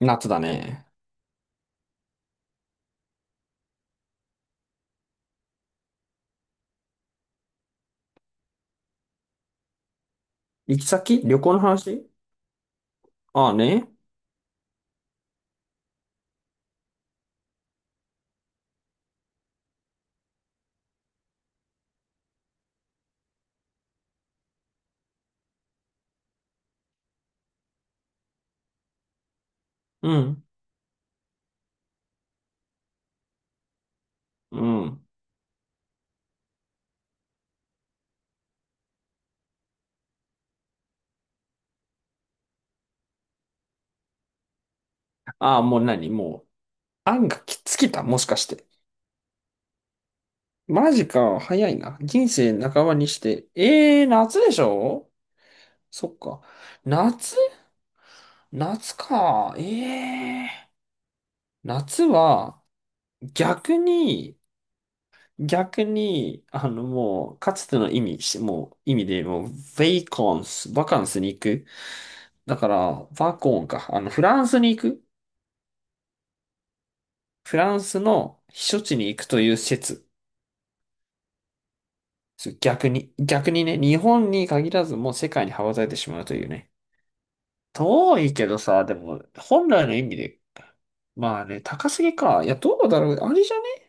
夏だね。行き先？旅行の話？ああね。うん。うん。ああ、もう何もう、案がきつきた？もしかして。マジか。早いな。人生半ばにして。ええ、夏でしょ？そっか。夏、夏か。ええ、夏は、逆に、もう、かつての意味で、もう、ベイコンス、バカンスに行く。だから、バコンか。フランスに行く。フランスの避暑地に行くという説。逆に、ね、日本に限らずもう世界に羽ばたいてしまうというね。遠いけどさ、でも、本来の意味で、まあね、高すぎか。いや、どうだろう。あれじゃね？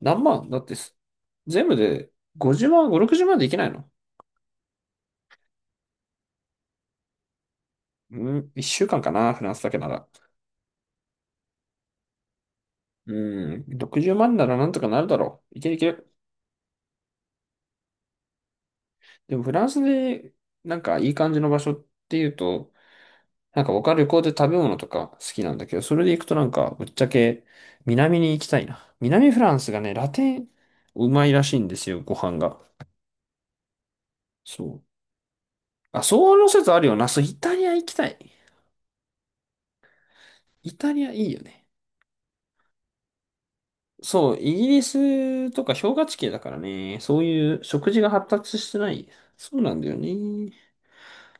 何万だってす、全部で50万、5、60万でいけないの？うん、1週間かんかな、フランスだけなら。うん、60万ならなんとかなるだろう。いけるいける。でも、フランスで、なんかいい感じの場所っていうと、なんか僕は旅行で食べ物とか好きなんだけど、それで行くとなんか、ぶっちゃけ南に行きたいな。南フランスがね、ラテン、うまいらしいんですよ、ご飯が。そう。あ、その説あるよな。そう、イタリア行きたい。イタリアいいよね。そう、イギリスとか氷河地形だからね、そういう食事が発達してない。そうなんだよね。っ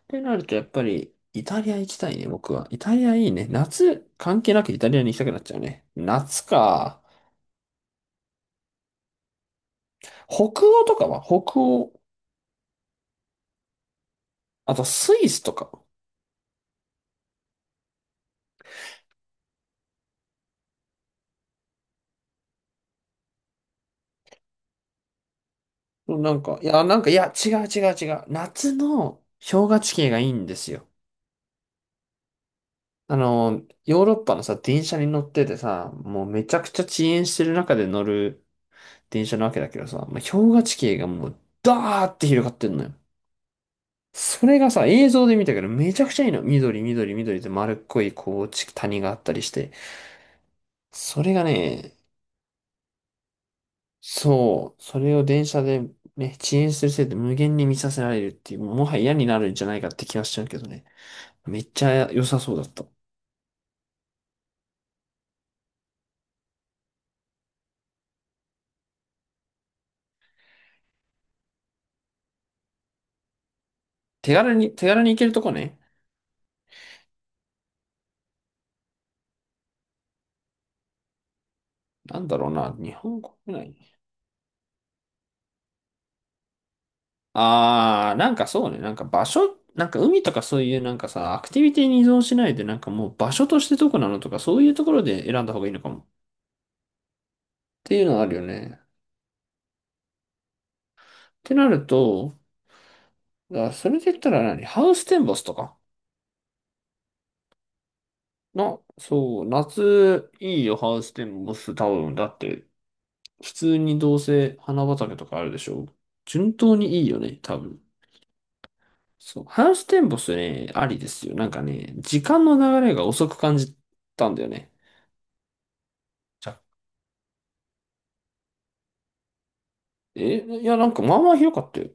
てなるとやっぱりイタリア行きたいね、僕は。イタリアいいね。夏関係なくイタリアに行きたくなっちゃうね。夏か。北欧とかは？北欧。あと、スイスとか。違う違う違う。夏の氷河地形がいいんですよ。あの、ヨーロッパのさ、電車に乗っててさ、もうめちゃくちゃ遅延してる中で乗る電車なわけだけどさ、まあ氷河地形がもうダーって広がってんのよ。それがさ、映像で見たけどめちゃくちゃいいの。緑、緑、緑で丸っこい、こう、地谷があったりして。それがね、そう、それを電車でね、遅延するせいで無限に見させられるっていう、もはや嫌になるんじゃないかって気がしちゃうけどね。めっちゃ良さそうだった。手軽に行けるとこね。なんだろうな、日本国内。あー、なんかそうね、なんか場所、なんか海とかそういうなんかさ、アクティビティに依存しないで、なんかもう場所としてどこなのとか、そういうところで選んだ方がいいのかも。っていうのはあるよね。ってなると、だからそれで言ったら何ハウステンボスとかな、そう、夏いいよ、ハウステンボス、多分。だって、普通にどうせ花畑とかあるでしょ？順当にいいよね、多分。そう、ハウステンボスね、ありですよ。なんかね、時間の流れが遅く感じたんだよね。じゃ、え、いや、なんかまあまあ広かったよ。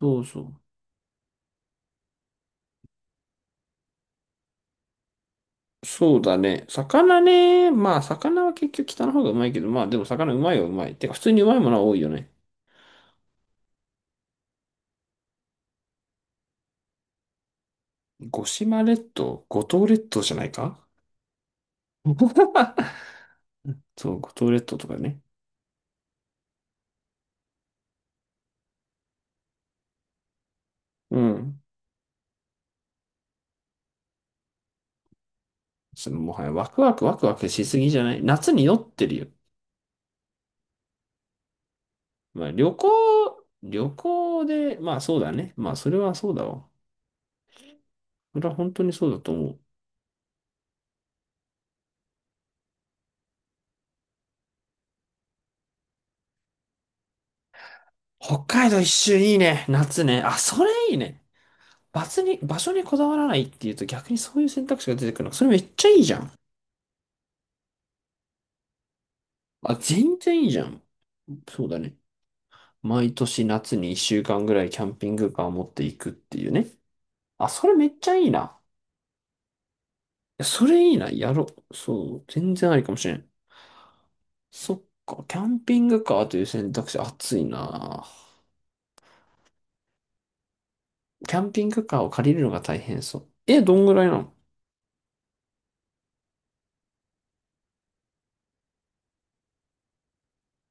そうそう。そうだね。魚ね。まあ、魚は結局北の方がうまいけど、まあでも魚うまいはうまい。てか、普通にうまいものは多いよね。五島列島、五島列島じゃないか そう、五島列島とかね。うん。そのもはやワクワクワクワクしすぎじゃない？夏に酔ってるよ。まあ旅行、旅行で、まあそうだね。まあそれはそうだわ。それは本当にそうだと思う。北海道一周いいね。夏ね。あ、それいいね。場所にこだわらないっていうと逆にそういう選択肢が出てくるの。それめっちゃいいじゃん。あ、全然いいじゃん。そうだね。毎年夏に一週間ぐらいキャンピングカーを持っていくっていうね。あ、それめっちゃいいな。いやそれいいな。やろう。そう。全然ありかもしれん。そっか、キャンピングカーという選択肢、暑いな。キャンピングカーを借りるのが大変そう。え、どんぐらいなの？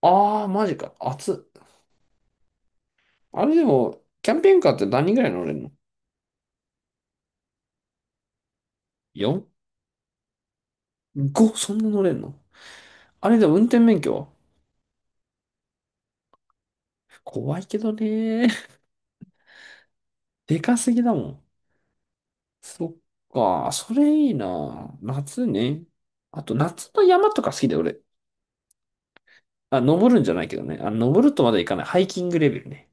ああー、マジか、暑っ。あれでも、キャンピングカーって何人ぐらい乗れんの ?4?5? そんな乗れんの？あれでも運転免許は？怖いけどね。でかすぎだもん。そっか、それいいな。夏ね。あと、夏の山とか好きだよ、俺。あ、登るんじゃないけどね。あ、登るとまだ行かない。ハイキングレベルね。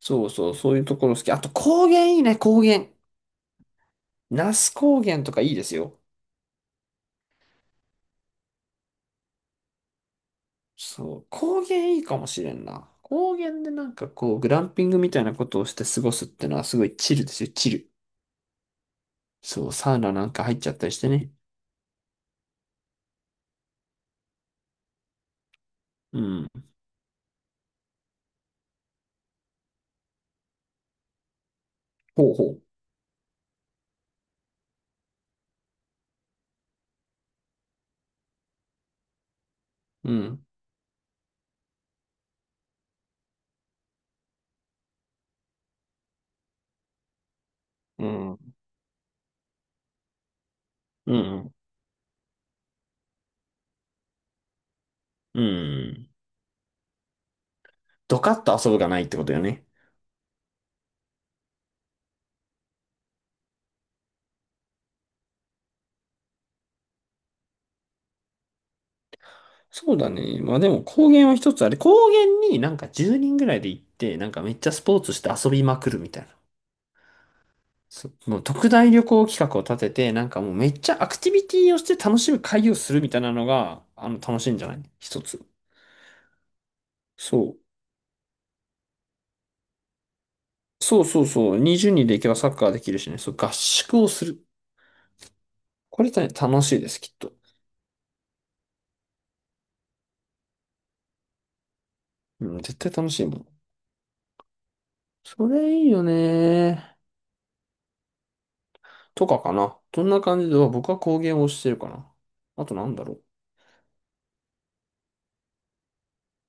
そうそう、そういうところ好き。あと高原いいね、高原。那須高原とかいいですよ。そう、高原いいかもしれんな。高原でなんかこう、グランピングみたいなことをして過ごすってのはすごいチルですよ、チル。そう、サウナなんか入っちゃったりしてね。うん。ほうほう。うん。うん。うん。うん。ドカッと遊ぶがないってことよね。そうだね。まあでも高原は一つあれ、高原になんか10人ぐらいで行って、なんかめっちゃスポーツして遊びまくるみたいな。そもう特大旅行企画を立てて、なんかもうめっちゃアクティビティをして楽しむ会をするみたいなのが、楽しいんじゃない？一つ。そう。そうそうそう。20人で行けばサッカーできるしね。そう、合宿をする。これね、楽しいです、きっと。うん、絶対楽しいもん。それいいよね。とかかな。どんな感じで、僕は工芸を推してるかな。あとなんだろう。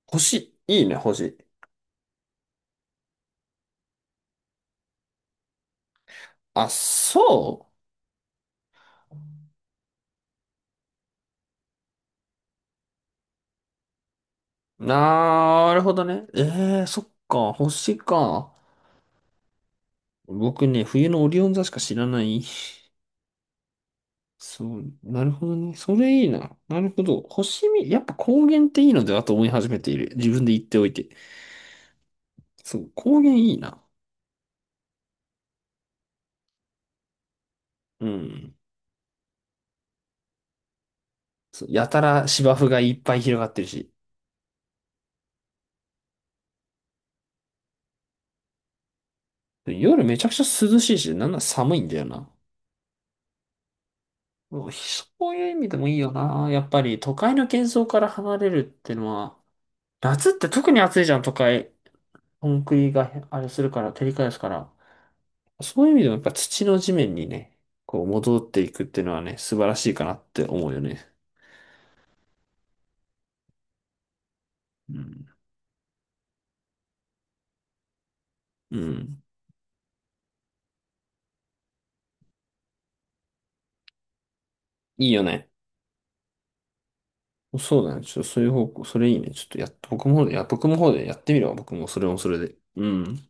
星。いいね、星。あ、そう、なるほどね。ええー、そっか、星か。僕ね、冬のオリオン座しか知らない。そう、なるほどね。それいいな。なるほど。星見、やっぱ高原っていいのではと思い始めている。自分で言っておいて。そう、高原いいな。うん。そう、やたら芝生がいっぱい広がってるし。夜めちゃくちゃ涼しいし、なんなら寒いんだよな。うん、そういう意味でもいいよな。やっぱり都会の喧騒から離れるってのは、夏って特に暑いじゃん、都会。コンクリがあれするから、照り返すから。そういう意味でもやっぱ土の地面にね、こう戻っていくっていうのはね、素晴らしいかなって思うよね。うん。うん。いいよね。そうだね。ちょっとそういう方向、それいいね。ちょっとやっ、僕も、いや、僕の方でやってみるわ。僕もそれもそれで。うん。